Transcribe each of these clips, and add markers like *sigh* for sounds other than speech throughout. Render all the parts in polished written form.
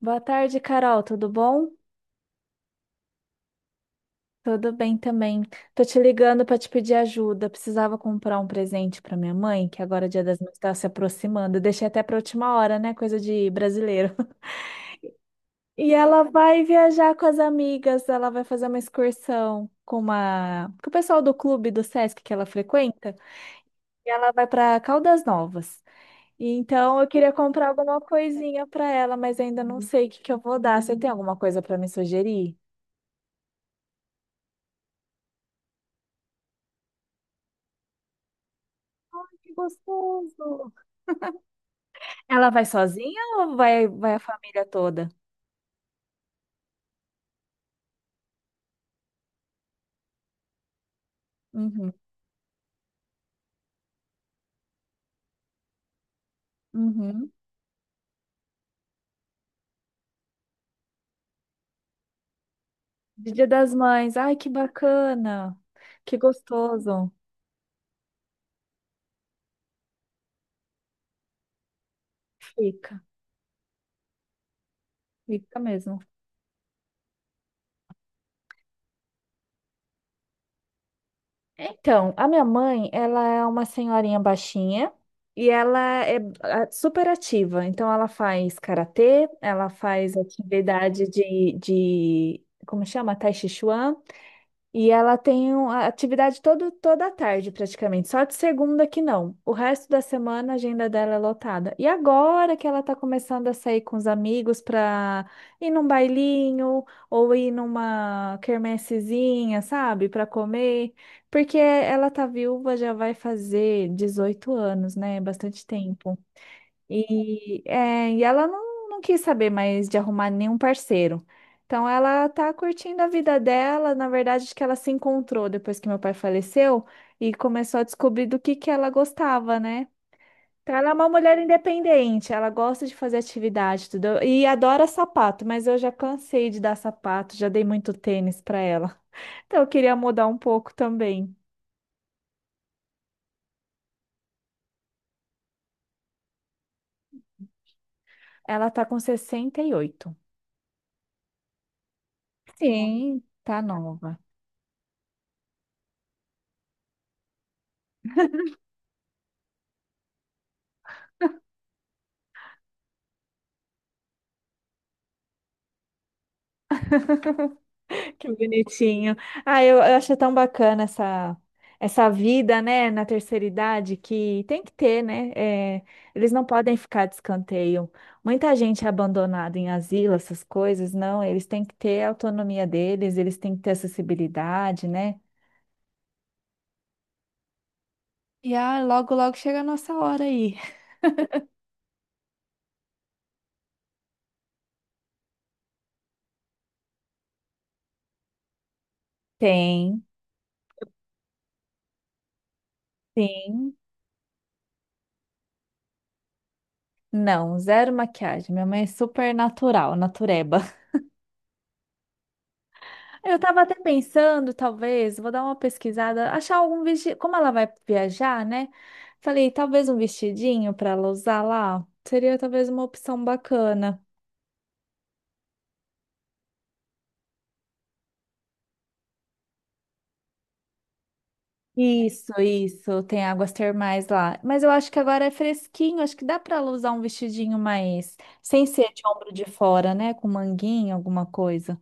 Boa tarde, Carol. Tudo bom? Tudo bem também. Tô te ligando para te pedir ajuda. Precisava comprar um presente para minha mãe, que agora o Dia das Mães está se aproximando. Eu deixei até para última hora, né? Coisa de brasileiro. *laughs* E ela vai viajar com as amigas. Ela vai fazer uma excursão com uma com o pessoal do clube do Sesc que ela frequenta. E ela vai para Caldas Novas. E então eu queria comprar alguma coisinha para ela, mas ainda não sei o que que eu vou dar. Você tem alguma coisa para me sugerir? Ela vai sozinha ou vai a família toda? Uhum. Uhum. De Dia das Mães. Ai, que bacana. Que gostoso. Fica, fica mesmo. Então, a minha mãe, ela é uma senhorinha baixinha e ela é super ativa. Então, ela faz karatê, ela faz atividade de como chama? Tai Chi Chuan. E ela tem a atividade toda a tarde, praticamente. Só de segunda que não. O resto da semana a agenda dela é lotada. E agora que ela tá começando a sair com os amigos para ir num bailinho ou ir numa quermessezinha, sabe? Para comer. Porque ela tá viúva, já vai fazer 18 anos, né? Bastante tempo. E, é, e ela não quis saber mais de arrumar nenhum parceiro. Então ela tá curtindo a vida dela, na verdade, acho que ela se encontrou depois que meu pai faleceu e começou a descobrir do que ela gostava, né? Então ela é uma mulher independente, ela gosta de fazer atividade, tudo. E adora sapato, mas eu já cansei de dar sapato, já dei muito tênis para ela. *laughs* Então eu queria mudar um pouco também. Ela tá com 68. Sim, tá nova. Que bonitinho. Ah, eu acho tão bacana essa vida, né, na terceira idade, que tem que ter, né? É, eles não podem ficar de escanteio. Muita gente é abandonada em asilo, essas coisas, não. Eles têm que ter a autonomia deles, eles têm que ter acessibilidade, né? E logo, logo chega a nossa hora aí. Tem, tem. Não, zero maquiagem. Minha mãe é super natural, natureba. Eu tava até pensando, talvez, vou dar uma pesquisada, achar algum vestido. Como ela vai viajar, né? Falei, talvez um vestidinho para ela usar lá. Seria talvez uma opção bacana. Isso, tem águas termais lá. Mas eu acho que agora é fresquinho, acho que dá para ela usar um vestidinho mais. Sem ser de ombro de fora, né? Com manguinha, alguma coisa.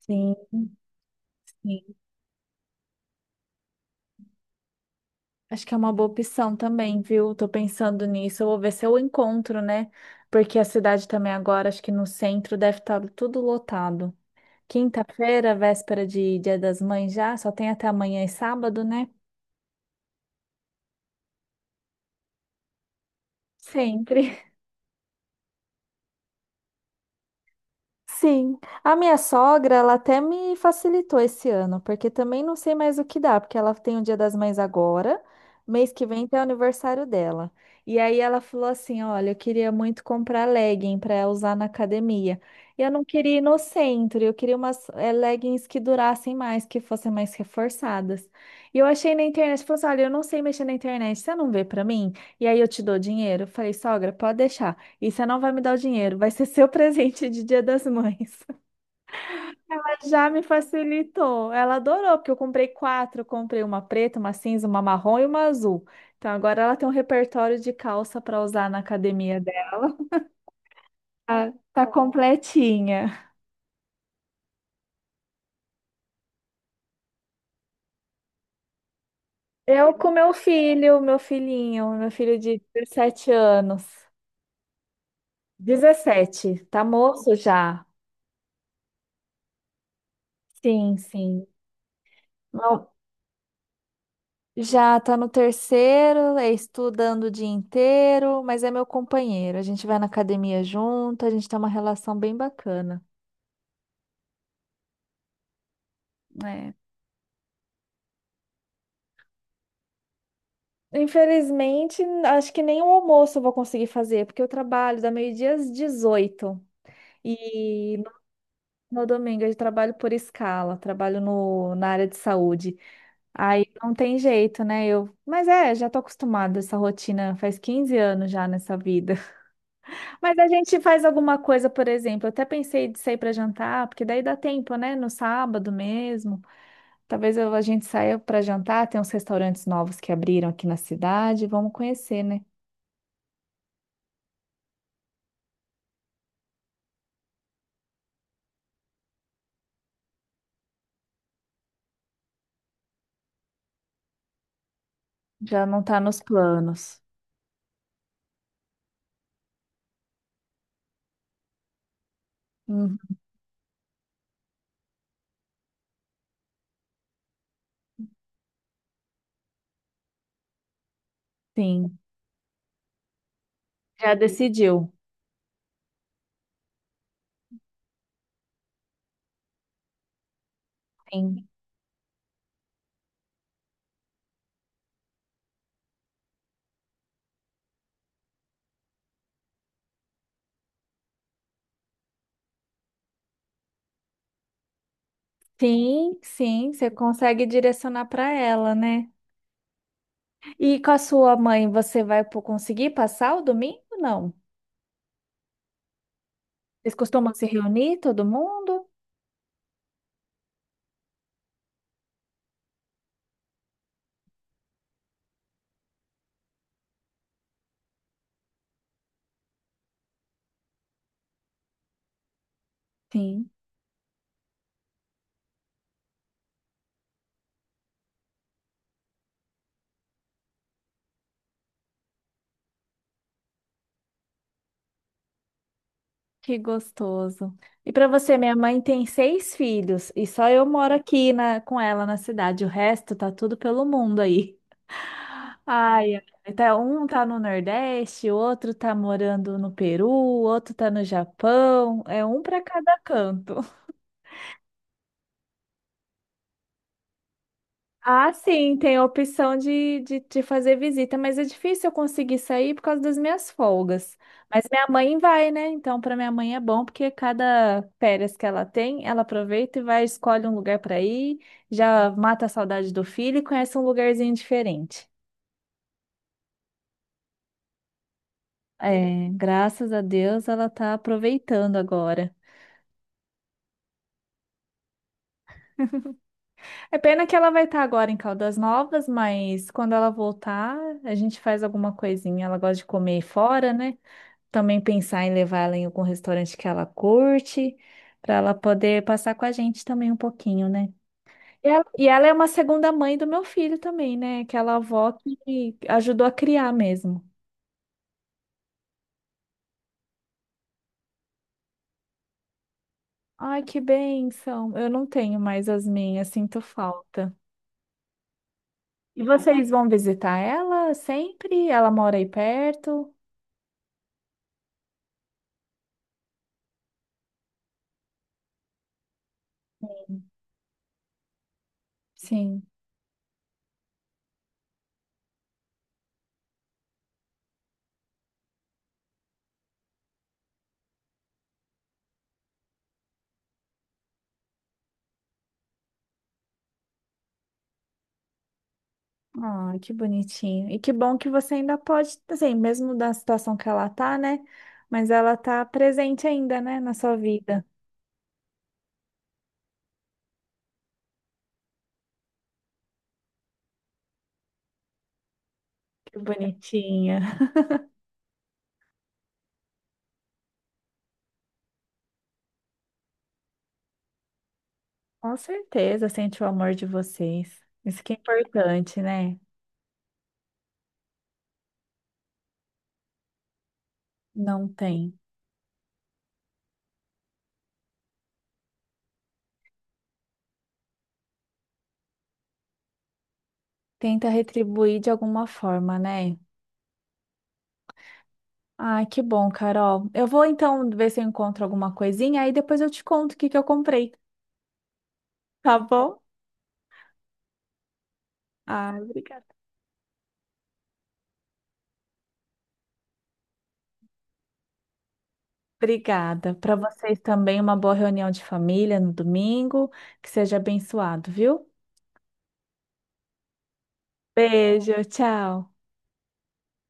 Sim, sim. Acho que é uma boa opção também, viu? Tô pensando nisso. Eu vou ver se eu encontro, né? Porque a cidade também agora, acho que no centro deve estar tudo lotado. Quinta-feira, véspera de Dia das Mães já, só tem até amanhã e sábado, né? Sempre. Sim, a minha sogra, ela até me facilitou esse ano, porque também não sei mais o que dá, porque ela tem o Dia das Mães agora, mês que vem tem o aniversário dela. E aí ela falou assim: "Olha, eu queria muito comprar legging para usar na academia. E eu não queria ir no centro, eu queria umas leggings que durassem mais, que fossem mais reforçadas". E eu achei na internet, falou assim: "Olha, eu não sei mexer na internet, você não vê para mim? E aí eu te dou dinheiro". Eu falei: "Sogra, pode deixar". E você não vai me dar o dinheiro, vai ser seu *laughs* presente de Dia das Mães. *laughs* Mas já me facilitou. Ela adorou, porque eu comprei quatro, eu comprei uma preta, uma cinza, uma marrom e uma azul. Então agora ela tem um repertório de calça para usar na academia dela. Tá completinha. Eu com meu filho, meu filhinho, meu filho de 17 anos. 17, tá moço já. Sim, sim. Já tá no terceiro, é estudando o dia inteiro, mas é meu companheiro. A gente vai na academia junto, a gente tem uma relação bem bacana. É. Infelizmente, acho que nem o almoço eu vou conseguir fazer, porque eu trabalho da meio-dia às 18. E no domingo eu trabalho por escala, trabalho no, na área de saúde. Aí não tem jeito, né? Eu, mas é, já tô acostumada a essa rotina, faz 15 anos já nessa vida. Mas a gente faz alguma coisa, por exemplo. Eu até pensei de sair para jantar, porque daí dá tempo, né? No sábado mesmo. A gente saia para jantar. Tem uns restaurantes novos que abriram aqui na cidade. Vamos conhecer, né? Já não tá nos planos. Hum, sim, já decidiu. Sim, sim, sim. Você consegue direcionar para ela, né? E com a sua mãe, você vai conseguir passar o domingo? Não. Vocês costumam se reunir, todo mundo? Sim. Que gostoso. E para você, minha mãe tem seis filhos e só eu moro aqui na, com ela na cidade. O resto tá tudo pelo mundo aí. Ai, ai, tá, um tá no Nordeste, o outro tá morando no Peru, o outro tá no Japão. É um para cada canto. Ah, sim, tem a opção de fazer visita, mas é difícil eu conseguir sair por causa das minhas folgas. Mas minha mãe vai, né? Então, para minha mãe é bom, porque cada férias que ela tem, ela aproveita e vai, escolhe um lugar para ir, já mata a saudade do filho e conhece um lugarzinho diferente. É, graças a Deus ela tá aproveitando agora. É pena que ela vai estar agora em Caldas Novas, mas quando ela voltar, a gente faz alguma coisinha. Ela gosta de comer fora, né? Também pensar em levar ela em algum restaurante que ela curte, para ela poder passar com a gente também um pouquinho, né? E ela é uma segunda mãe do meu filho também, né? Aquela avó que ajudou a criar mesmo. Ai, que bênção! Eu não tenho mais as minhas, sinto falta. E vocês vão visitar ela sempre? Ela mora aí perto? Sim. Ai, que bonitinho. E que bom que você ainda pode, assim, mesmo da situação que ela tá, né? Mas ela tá presente ainda, né, na sua vida. Que bonitinha. Com certeza sente o amor de vocês. Isso que é importante, né? Não tem. Tenta retribuir de alguma forma, né? Ai, que bom, Carol. Eu vou então ver se eu encontro alguma coisinha, aí depois eu te conto o que que eu comprei, tá bom? Ah, obrigada. Obrigada. Para vocês também, uma boa reunião de família no domingo. Que seja abençoado, viu? Beijo, tchau.